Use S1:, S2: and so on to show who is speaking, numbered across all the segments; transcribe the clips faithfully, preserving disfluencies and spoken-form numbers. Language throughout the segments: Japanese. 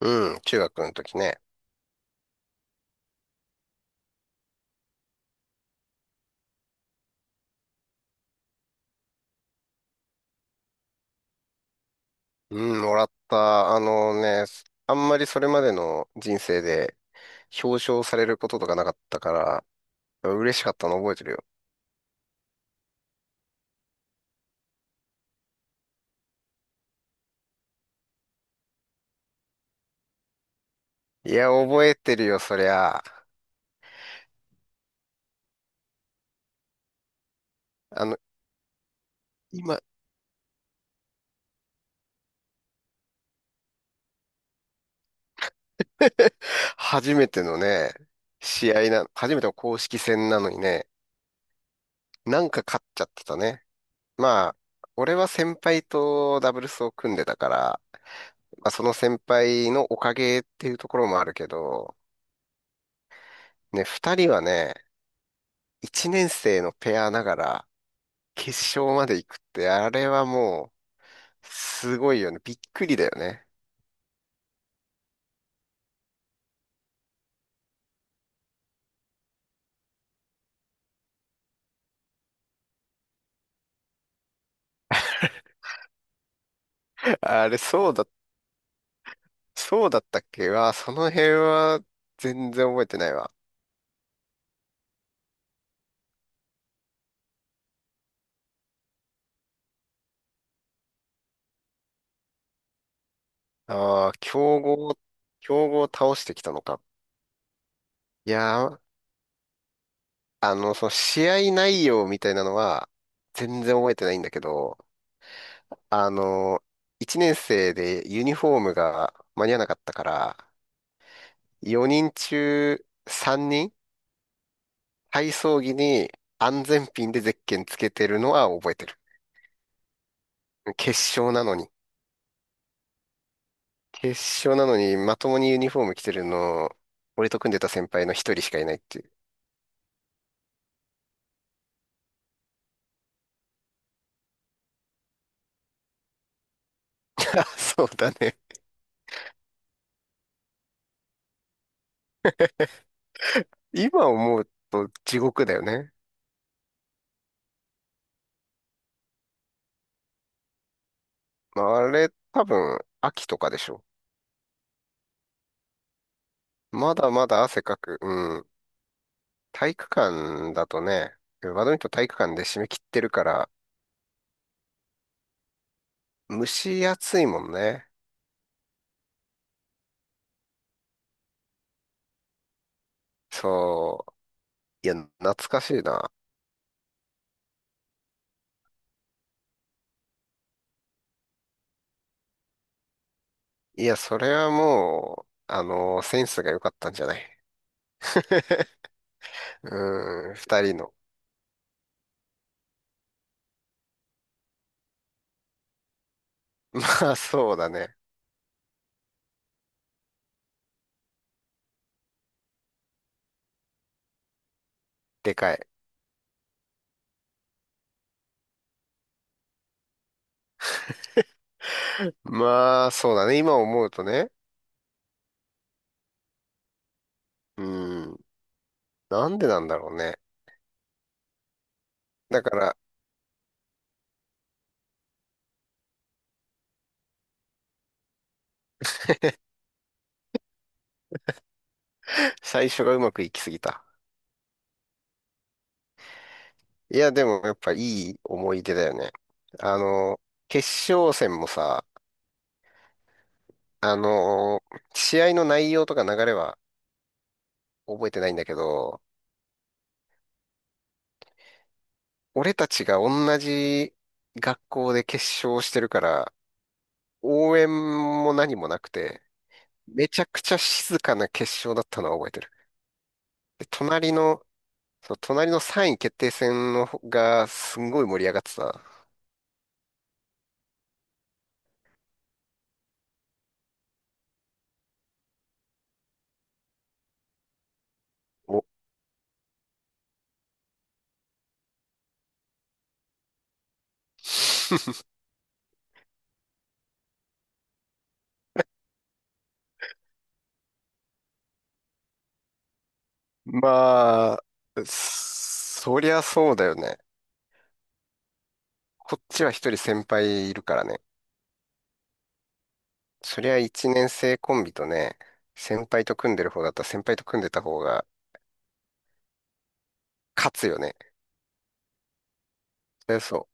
S1: うん、中学の時ね。うん、もらった。あのね、あんまりそれまでの人生で表彰されることとかなかったから、嬉しかったの覚えてるよ。いや、覚えてるよ、そりゃ。あの、今、初めてのね、試合な、初めての公式戦なのにね、なんか勝っちゃってたね。まあ、俺は先輩とダブルスを組んでたから、まあ、その先輩のおかげっていうところもあるけど、ね、二人はね、一年生のペアながら決勝まで行くって、あれはもう、すごいよね。びっくりだよね。あれ、そうだ、そうだったっけは、その辺は全然覚えてないわ。ああ、強豪、強豪を倒してきたのか。いやー、あの、その試合内容みたいなのは、全然覚えてないんだけど、あの、一年生でユニフォームが間に合わなかったから、よにん中さんにん体操着に安全ピンでゼッケンつけてるのは覚えてる。決勝なのに。決勝なのに、まともにユニフォーム着てるの、俺と組んでた先輩の一人しかいないっていう。あ、そうだね。今思うと地獄だよね。まああれ、多分、秋とかでしょ。まだまだ汗かく。うん。体育館だとね、バドミントン体育館で締め切ってるから、蒸し暑いもんね。そう。いや、懐かしいな。いや、それはもう、あの、センスが良かったんじゃない。 うん、二人の。まあ、そうだね。でかい。まあ、そうだね。今思うとね。うん、なんでなんだろうね。だから、最初がうまくいきすぎた。いや、でもやっぱいい思い出だよね。あの、決勝戦もさ、あの、試合の内容とか流れは覚えてないんだけど、俺たちが同じ学校で決勝してるから、応援も何もなくて、めちゃくちゃ静かな決勝だったのは覚えてる。で、隣の、そう隣のさんい決定戦の方がすんごい盛り上がってた。お。 まあ、そりゃそうだよね。こっちは一人先輩いるからね。そりゃ一年生コンビとね、先輩と組んでる方だったら先輩と組んでた方が勝つよね。そりゃそ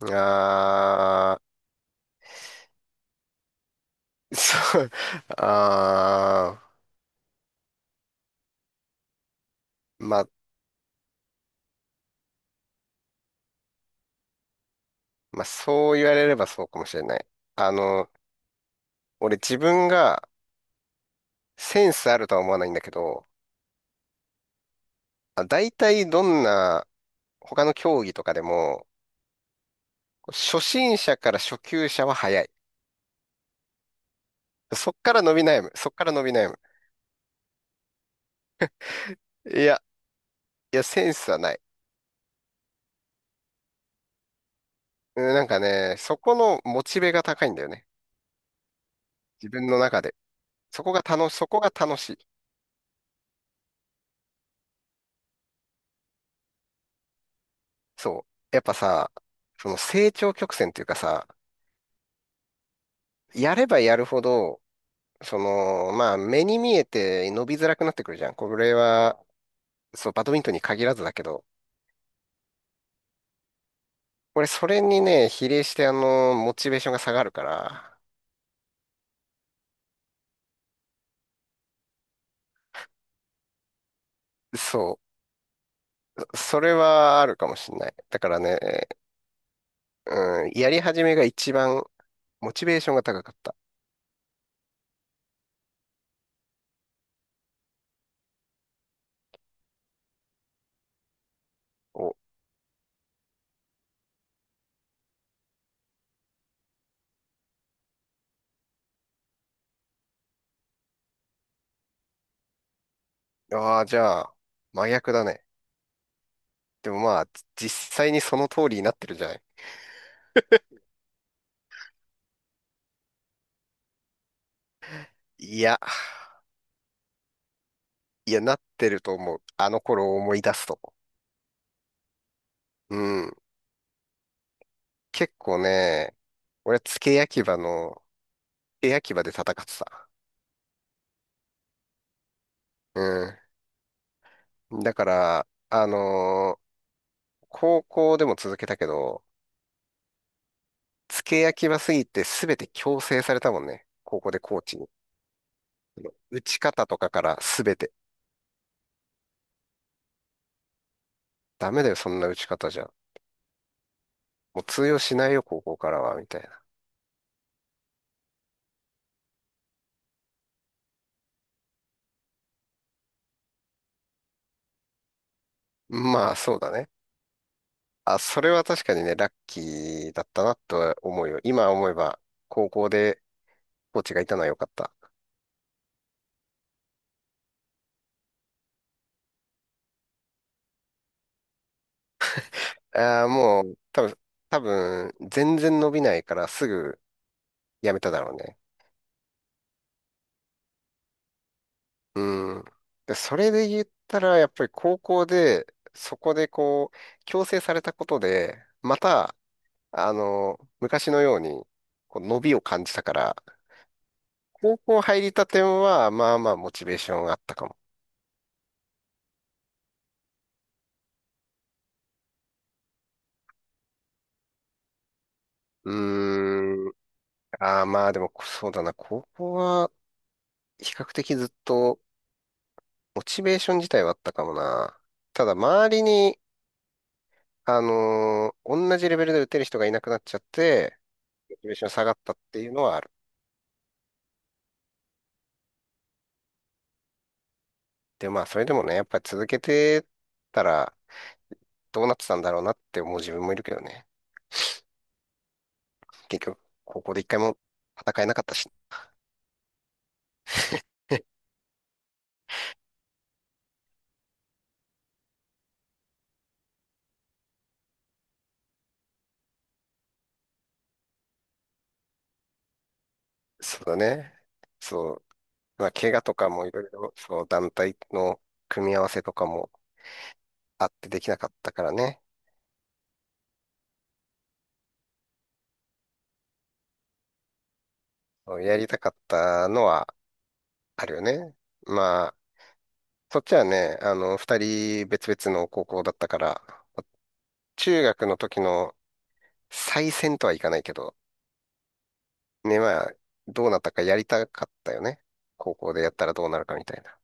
S1: う。あー、そう、あー、まあ、まあ、そう言われればそうかもしれない。あの、俺自分がセンスあるとは思わないんだけど、あ、大体どんな他の競技とかでも、初心者から初級者は早い。そっから伸び悩む。そっから伸び悩む。いや、いや、センスはない。うん、なんかね、そこのモチベが高いんだよね。自分の中で。そこが楽し、そこが楽しい。そう。やっぱさ、その成長曲線っていうかさ、やればやるほど、その、まあ、目に見えて伸びづらくなってくるじゃん。これは、そう、バドミントンに限らずだけど、俺、それにね、比例して、あの、モチベーションが下がるから、そう、それはあるかもしんない。だからね、うん、やり始めが一番、モチベーションが高かった。お、ああ、じゃあ、真逆だね。でもまあ、実際にその通りになってるじゃない。いや、いや、なってると思う。あの頃を思い出すと。うん。結構ね、俺、付け焼き場のエアキバで戦ってた。うん。だから、あのー高校でも続けたけど、付け焼き場すぎて全て強制されたもんね。高校でコーチに。打ち方とかから全て。ダメだよ、そんな打ち方じゃ。もう通用しないよ、高校からは、みたいな。まあ、そうだね。あ、それは確かにね、ラッキーだったなと思うよ。今思えば、高校でコーチがいたのは良かった。ああ、もう、多分、多分、全然伸びないからすぐ辞めただろうね。うん。で、それで言ったら、やっぱり高校で、そこでこう、強制されたことで、また、あの、昔のように、こう伸びを感じたから、高校入りたては、まあまあ、モチベーションがあったかも。うーん。ああ、まあでも、そうだな。高校は、比較的ずっと、モチベーション自体はあったかもな。ただ、周りに、あのー同じレベルで打てる人がいなくなっちゃって、モチベーション下がったっていうのはある。で、まあ、それでもね、やっぱり続けてたらどうなってたんだろうなって思う自分もいるけどね。結局、高校で一回も戦えなかったし。そうだね。そう。まあ、怪我とかもいろいろ、そう、団体の組み合わせとかもあってできなかったからね。そうやりたかったのはあるよね。まあ、そっちはね、あの、二人別々の高校だったから、中学の時の再戦とはいかないけど、ね、まあ、どうなったかやりたかったよね。高校でやったらどうなるかみたいな。